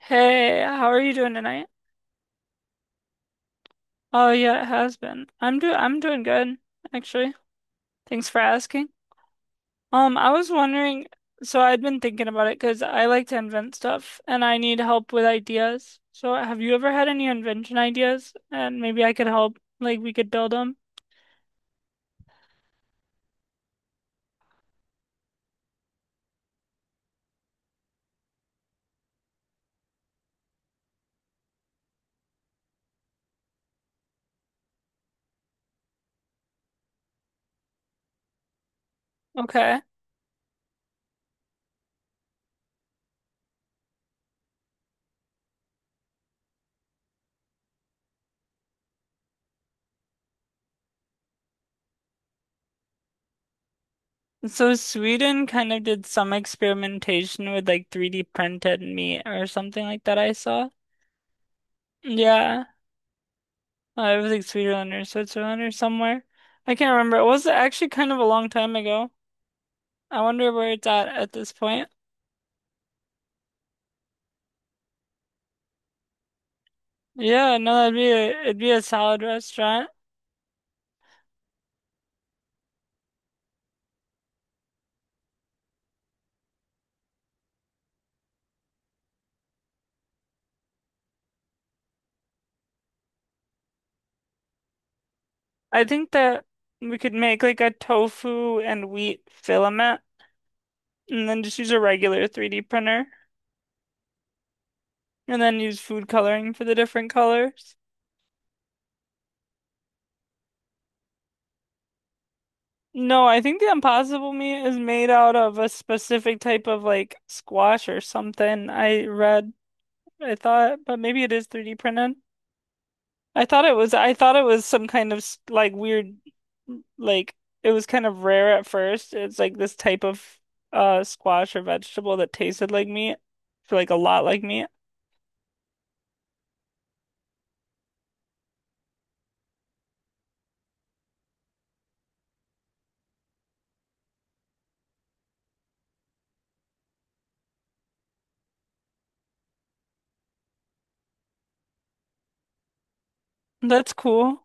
Hey, how are you doing tonight? Oh yeah, it has been. I'm doing good, actually. Thanks for asking. I was wondering, so I'd been thinking about it because I like to invent stuff and I need help with ideas. So have you ever had any invention ideas? And maybe I could help, like we could build them. Okay. So Sweden kind of did some experimentation with like 3D printed meat or something like that I saw. Yeah. Everything's Sweeterlander or Switzerlander somewhere. I can't remember. It was actually kind of a long time ago. I wonder where it's at this point. Yeah, no, that'd be a it'd be a solid restaurant. I think that we could make like a tofu and wheat filament, and then just use a regular 3D printer, and then use food coloring for the different colors. No, I think the impossible meat is made out of a specific type of like squash or something. I thought, but maybe it is 3D printed. I thought it was some kind of like weird like it was kind of rare at first. It's like this type of squash or vegetable that tasted like meat for like a lot like meat. That's cool.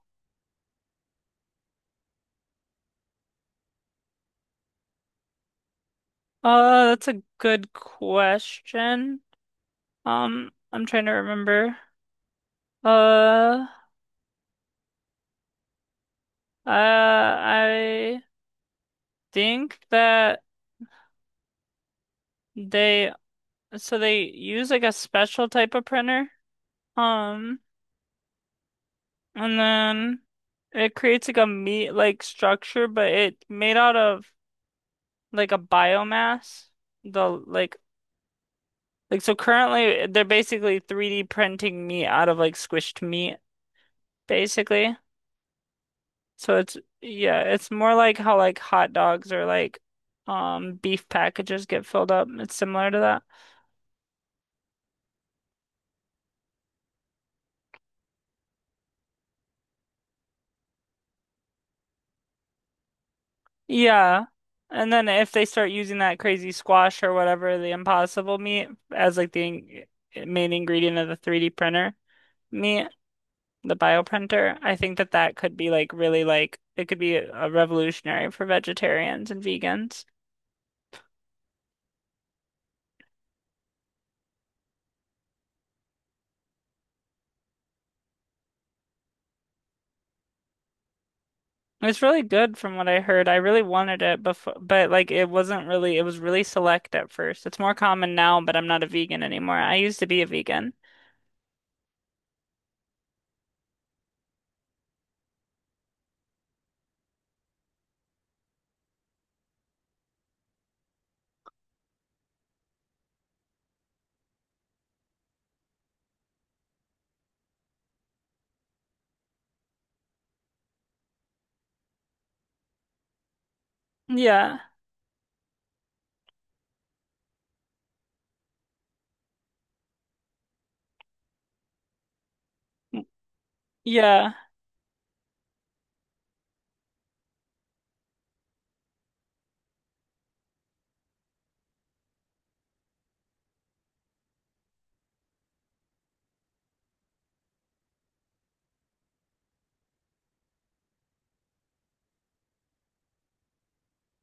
That's a good question. I'm trying to remember. Uh I think that they so they use like a special type of printer. Um And then it creates like a meat-like structure, but it made out of like a biomass. The like so currently they're basically 3D printing meat out of like squished meat, basically. So it's yeah, it's more like how like hot dogs or like beef packages get filled up. It's similar to that. Yeah. And then if they start using that crazy squash or whatever, the impossible meat as like the in main ingredient of the 3D printer meat the bioprinter. I think that that could be like really like it could be a revolutionary for vegetarians and vegans. It's really good from what I heard. I really wanted it before, but like it wasn't really, it was really select at first. It's more common now, but I'm not a vegan anymore. I used to be a vegan. Yeah. Yeah.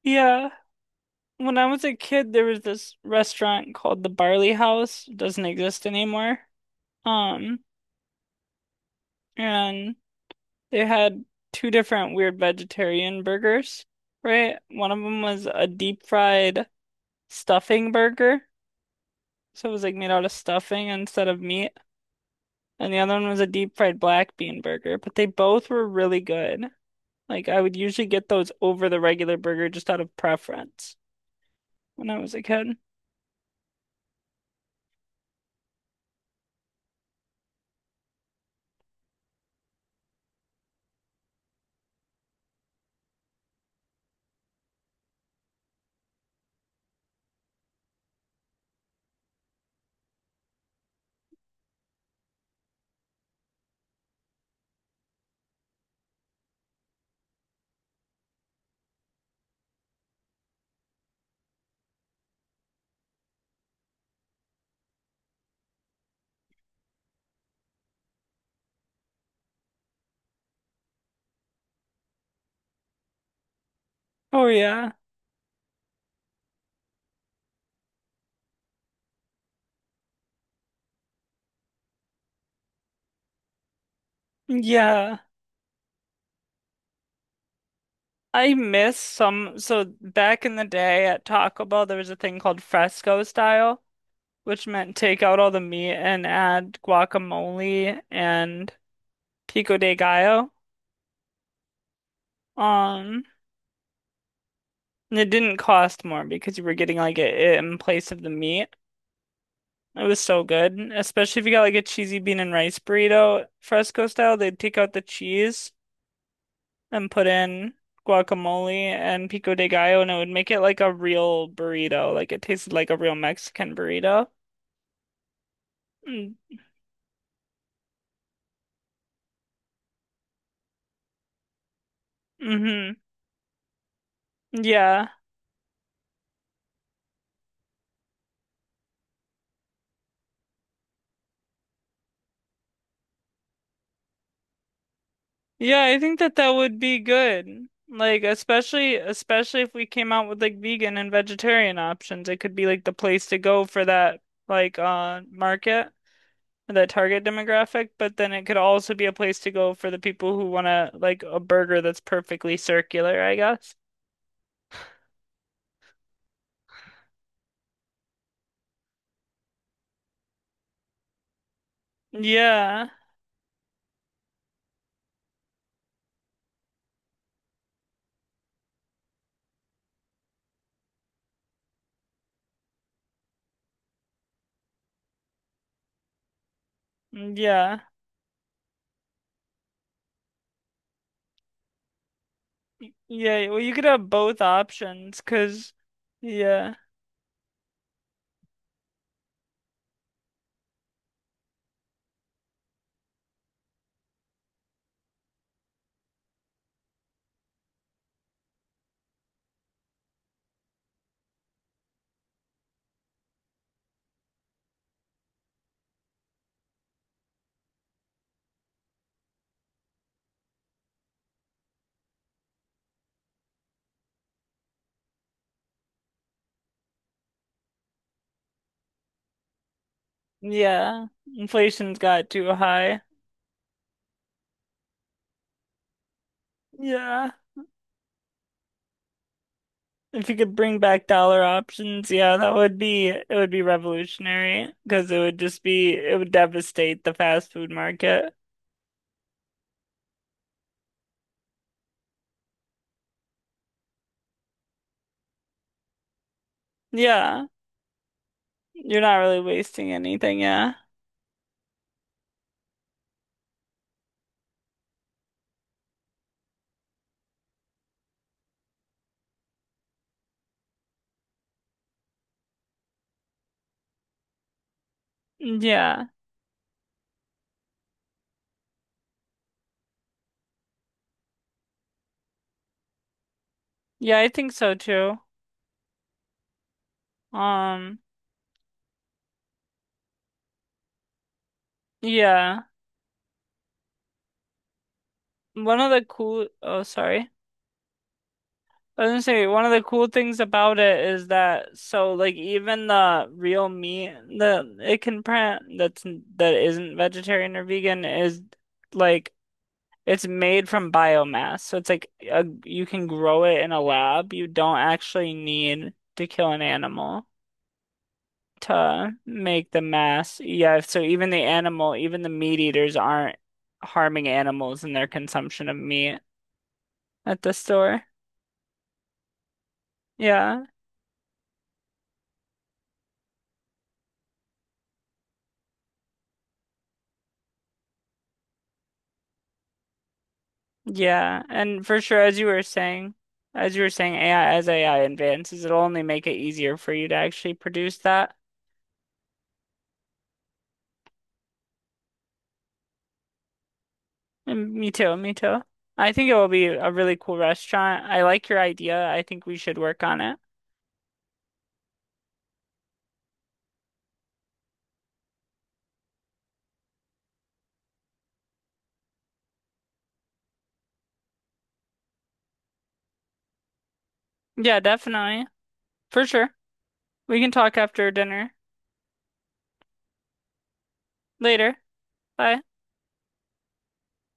Yeah. When I was a kid, there was this restaurant called the Barley House. It doesn't exist anymore. Um, and they had two different weird vegetarian burgers, right? One of them was a deep fried stuffing burger. So it was like made out of stuffing instead of meat. And the other one was a deep fried black bean burger. But they both were really good. Like I would usually get those over the regular burger just out of preference, when I was a kid. Oh yeah. Yeah. I miss some. So back in the day at Taco Bell, there was a thing called fresco style, which meant take out all the meat and add guacamole and pico de gallo. Um, and it didn't cost more because you were getting like it in place of the meat. It was so good, especially if you got like a cheesy bean and rice burrito, fresco style. They'd take out the cheese and put in guacamole and pico de gallo, and it would make it like a real burrito. Like it tasted like a real Mexican burrito. Mm, mm-hmm. Yeah. Yeah, I think that that would be good. Like especially if we came out with like vegan and vegetarian options, it could be like the place to go for that like market, that target demographic, but then it could also be a place to go for the people who want to like a burger that's perfectly circular, I guess. Yeah. Yeah. Yeah, well you could have both options 'cause yeah. Yeah. Inflation's got too high. Yeah. If you could bring back dollar options, yeah, that would be revolutionary because it would just be it would devastate the fast food market. Yeah. You're not really wasting anything, yeah. Yeah. Yeah, I think so too. Um, yeah. One of the cool Oh sorry. I was gonna say one of the cool things about it is that so like even the real meat that it can print that's that isn't vegetarian or vegan is like it's made from biomass, so it's like a, you can grow it in a lab. You don't actually need to kill an animal to make the mass. Yeah, so even the animal, even the meat eaters aren't harming animals in their consumption of meat at the store. Yeah, yeah, and for sure, as you were saying, AI, as AI advances, it'll only make it easier for you to actually produce that. Mm, me too, me too. I think it will be a really cool restaurant. I like your idea. I think we should work on it. Yeah, definitely. For sure. We can talk after dinner. Later. Bye.